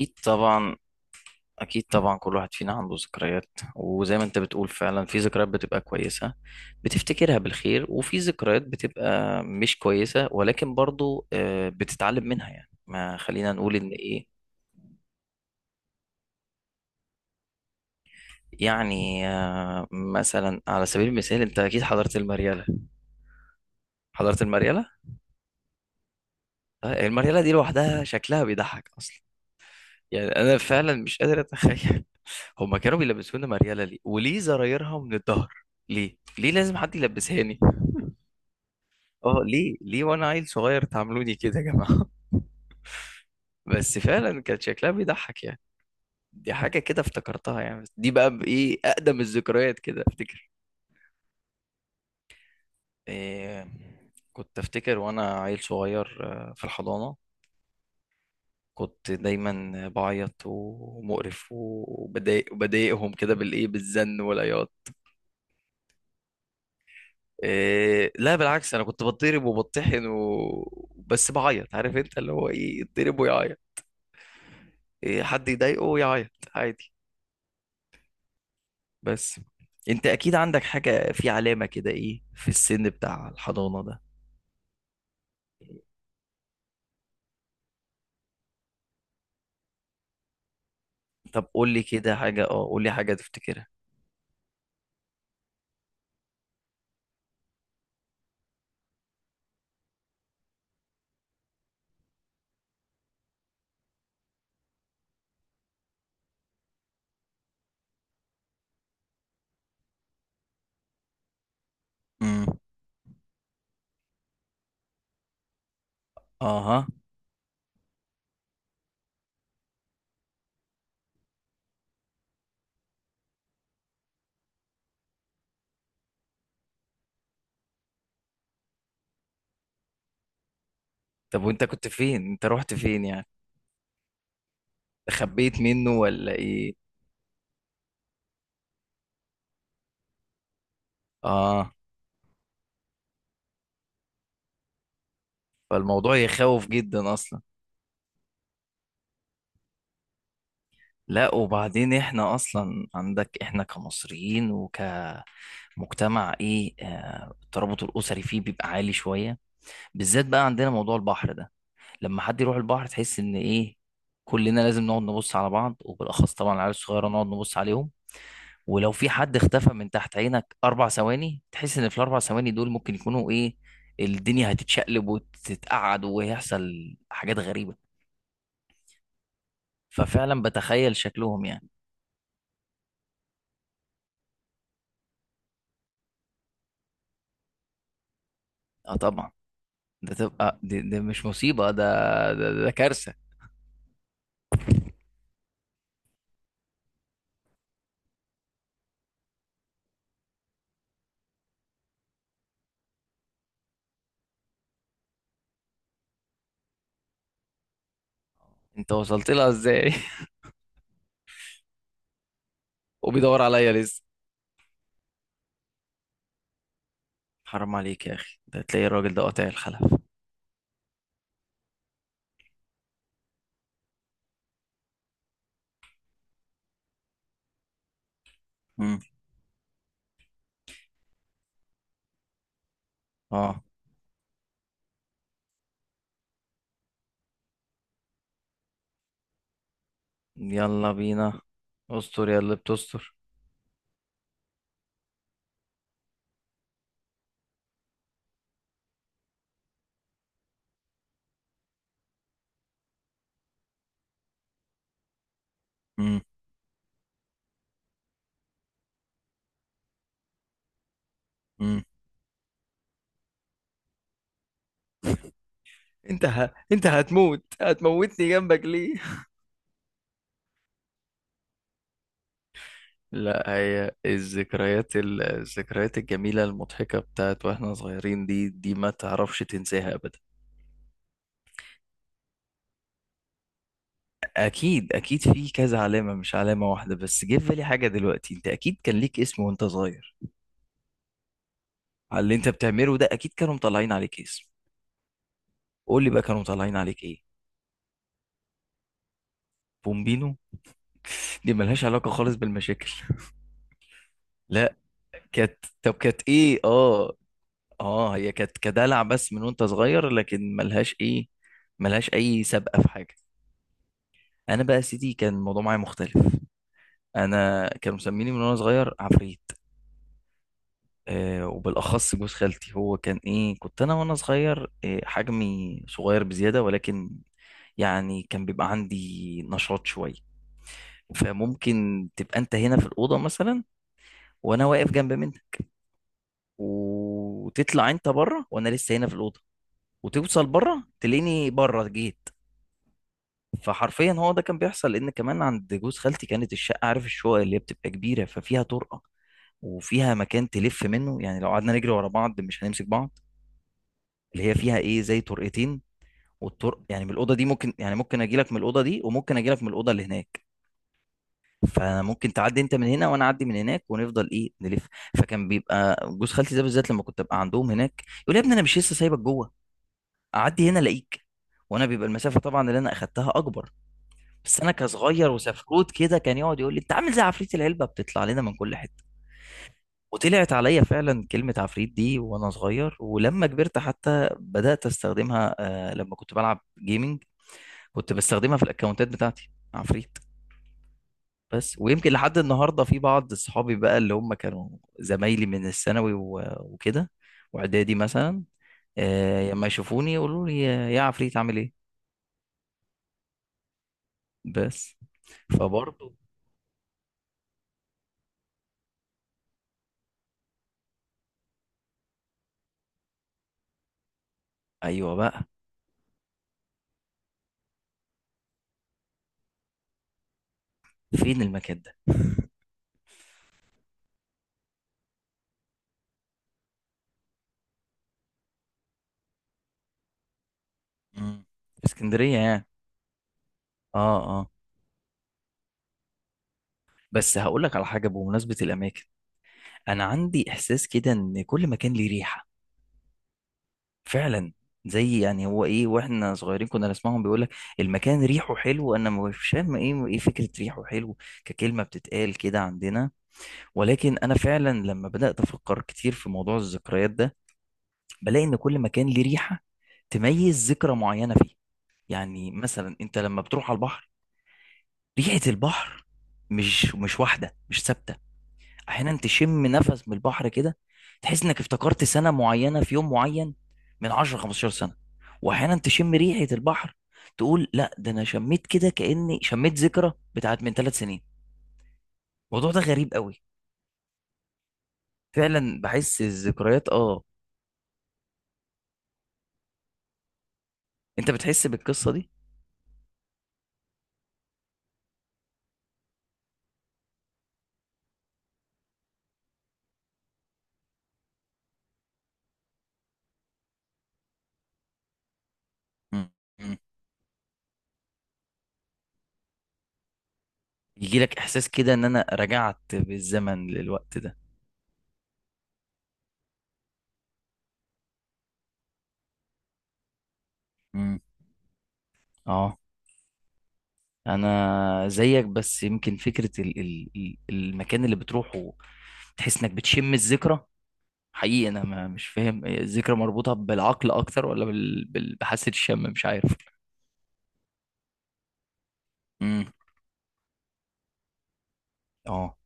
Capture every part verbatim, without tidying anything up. اكيد طبعا اكيد طبعا كل واحد فينا عنده ذكريات، وزي ما انت بتقول فعلا في ذكريات بتبقى كويسة بتفتكرها بالخير، وفي ذكريات بتبقى مش كويسة، ولكن برضو آه، بتتعلم منها، يعني ما خلينا نقول ان ايه. يعني آه، مثلا على سبيل المثال انت اكيد حضرت المريالة. حضرت المريالة. آه، المريالة دي لوحدها شكلها بيضحك اصلا. يعني انا فعلا مش قادر اتخيل هما كانوا بيلبسونا مريالة ليه، وليه زرايرها من الظهر؟ ليه ليه لازم حد يلبسهاني؟ اه ليه ليه وانا عيل صغير تعاملوني كده يا جماعة؟ بس فعلا كان شكلها بيضحك يعني. دي حاجة كده افتكرتها يعني، بس دي بقى بإيه أقدم الذكريات كده أفتكر. إيه، كنت أفتكر وأنا عيل صغير آه، في الحضانة كنت دايما بعيط ومقرف وبضايق وبضايقهم كده بالإيه، بالزن والعياط. إيه لا بالعكس، انا كنت بتضرب وبطحن و... بس بعيط، عارف انت اللي هو ايه، يتضرب ويعيط. إيه حد يضايقه يعيط عادي. بس انت اكيد عندك حاجة في علامة كده ايه في السن بتاع الحضانة ده. طب قول لي كده حاجة، اه قول لي حاجة تفتكرها. امم. اها. طب وانت كنت فين؟ انت رحت فين يعني؟ خبيت منه ولا ايه؟ اه. فالموضوع يخوف جدا اصلا. لا وبعدين احنا اصلا عندك احنا كمصريين وك، مجتمع ايه، آه، الترابط الاسري فيه بيبقى عالي شويه، بالذات بقى عندنا موضوع البحر ده. لما حد يروح البحر تحس ان ايه، كلنا لازم نقعد نبص على بعض، وبالاخص طبعا العيال الصغيره نقعد نبص عليهم. ولو في حد اختفى من تحت عينك اربع ثواني تحس ان في الاربع ثواني دول ممكن يكونوا ايه، الدنيا هتتشقلب وتتقعد وهيحصل حاجات غريبه. ففعلا بتخيل شكلهم يعني. اه طبعا. ده تبقى ده، ده مش مصيبه ده ده, ده كارثه. انت وصلت لها ازاي؟ وبيدور عليا لسه. حرام عليك يا اخي، ده تلاقي الراجل ده قاطع الخلف. مم. اه. يلا بينا. استر يا اللي بتستر. مم. مم. انت ه... انت هتموت، هتموتني جنبك ليه؟ لا، هي الذكريات ال- الذكريات الجميلة المضحكة بتاعت واحنا صغيرين دي، دي ما تعرفش تنساها ابدا. اكيد اكيد في كذا علامة مش علامة واحدة، بس جه في بالي حاجة دلوقتي، انت اكيد كان ليك اسم وانت صغير على اللي انت بتعمله ده، اكيد كانوا مطلعين عليك اسم. قول لي بقى كانوا مطلعين عليك ايه؟ بومبينو. دي ملهاش علاقة خالص بالمشاكل. لا كانت، طب كانت ايه؟ اه اه، هي كانت كدلع بس من وانت صغير، لكن ملهاش ايه، ملهاش اي سابقة في حاجة. انا بقى يا سيدي كان الموضوع معايا مختلف. انا كانوا مسميني من وانا صغير عفريت. آه وبالاخص جوز خالتي، هو كان ايه، كنت انا وانا صغير آه حجمي صغير بزيادة، ولكن يعني كان بيبقى عندي نشاط شوية. فممكن تبقى انت هنا في الأوضة مثلا وانا واقف جنب منها، وتطلع انت بره وانا لسه هنا في الاوضه، وتوصل بره تلاقيني بره جيت. فحرفيا هو ده كان بيحصل، لان كمان عند جوز خالتي كانت الشقه، عارف الشقق اللي هي بتبقى كبيره، ففيها طرقه، وفيها مكان تلف منه، يعني لو قعدنا نجري ورا بعض مش هنمسك بعض. اللي هي فيها ايه، زي طرقتين، والطرق يعني من الاوضه دي ممكن، يعني ممكن اجي لك من الاوضه دي، وممكن اجي لك من الاوضه اللي هناك. فممكن تعدي انت من هنا وانا اعدي من هناك، ونفضل ايه نلف. فكان بيبقى جوز خالتي ده بالذات لما كنت ابقى عندهم هناك يقول لي يا ابني، انا مش لسه سايبك جوه؟ اعدي هنا الاقيك. وانا بيبقى المسافه طبعا اللي انا اخدتها اكبر. بس انا كصغير وسفروت كده كان يقعد يقول لي انت عامل زي عفريت العلبه، بتطلع لنا من كل حته. وطلعت عليا فعلا كلمه عفريت دي وانا صغير، ولما كبرت حتى بدات استخدمها، آه لما كنت بلعب جيمنج كنت بستخدمها في الاكونتات بتاعتي، عفريت. بس، ويمكن لحد النهارده في بعض صحابي بقى اللي هم كانوا زمايلي من الثانوي و- وكده، واعدادي مثلا، آه، لما يشوفوني يقولوا لي يا عفريت عامل ايه. بس. فبرضه. ايوه بقى. فين المكان ده؟ مم. في اسكندريه يعني. اه اه. بس هقول لك على حاجه بمناسبه الاماكن، انا عندي احساس كده ان كل مكان ليه ريحه. فعلا. زي يعني هو ايه، واحنا صغيرين كنا نسمعهم بيقول لك المكان ريحه حلو، انا مش فاهم ايه، ايه فكره ريحه حلو ككلمه بتتقال كده عندنا، ولكن انا فعلا لما بدات افكر كتير في موضوع الذكريات ده بلاقي ان كل مكان ليه ريحه تميز ذكرى معينه فيه. يعني مثلا انت لما بتروح على البحر، ريحة البحر مش مش واحدة، مش ثابتة. احيانا تشم نفس من البحر كده تحس انك افتكرت سنة معينة في يوم معين من عشر خمستاشر سنة، واحيانا تشم ريحة البحر تقول لا ده انا شميت كده كأني شميت ذكرى بتاعت من ثلاث سنين. الموضوع ده غريب قوي. فعلا بحس الذكريات اه. انت بتحس بالقصة دي؟ مم. مم. يجيلك احساس كده ان انا رجعت بالزمن للوقت ده. مم. اه. انا زيك، بس يمكن فكره ال ال ال- المكان اللي بتروحه تحس انك بتشم الذكرى. حقيقي انا ما مش فاهم هي الذكرى مربوطه بالعقل اكتر ولا بال بال- بحاسه الشم، مش عارف. امم. اه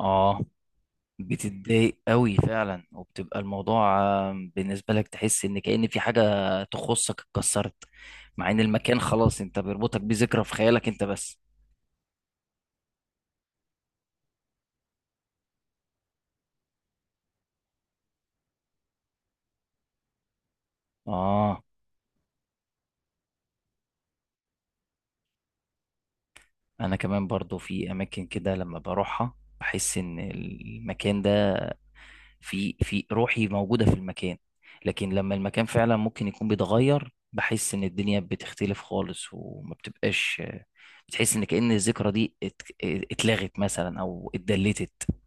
اه. بتتضايق قوي فعلا، وبتبقى الموضوع آه، بالنسبه لك تحس ان كأن في حاجه تخصك اتكسرت، مع ان المكان خلاص انت بيربطك بذكرى في خيالك انت بس. اه، انا كمان برضو في اماكن كده لما بروحها بحس ان المكان ده في في روحي موجودة في المكان. لكن لما المكان فعلا ممكن يكون بيتغير بحس ان الدنيا بتختلف خالص، وما بتبقاش، بتحس ان كأن الذكرى دي ات- اتلغت مثلا او اتدلتت.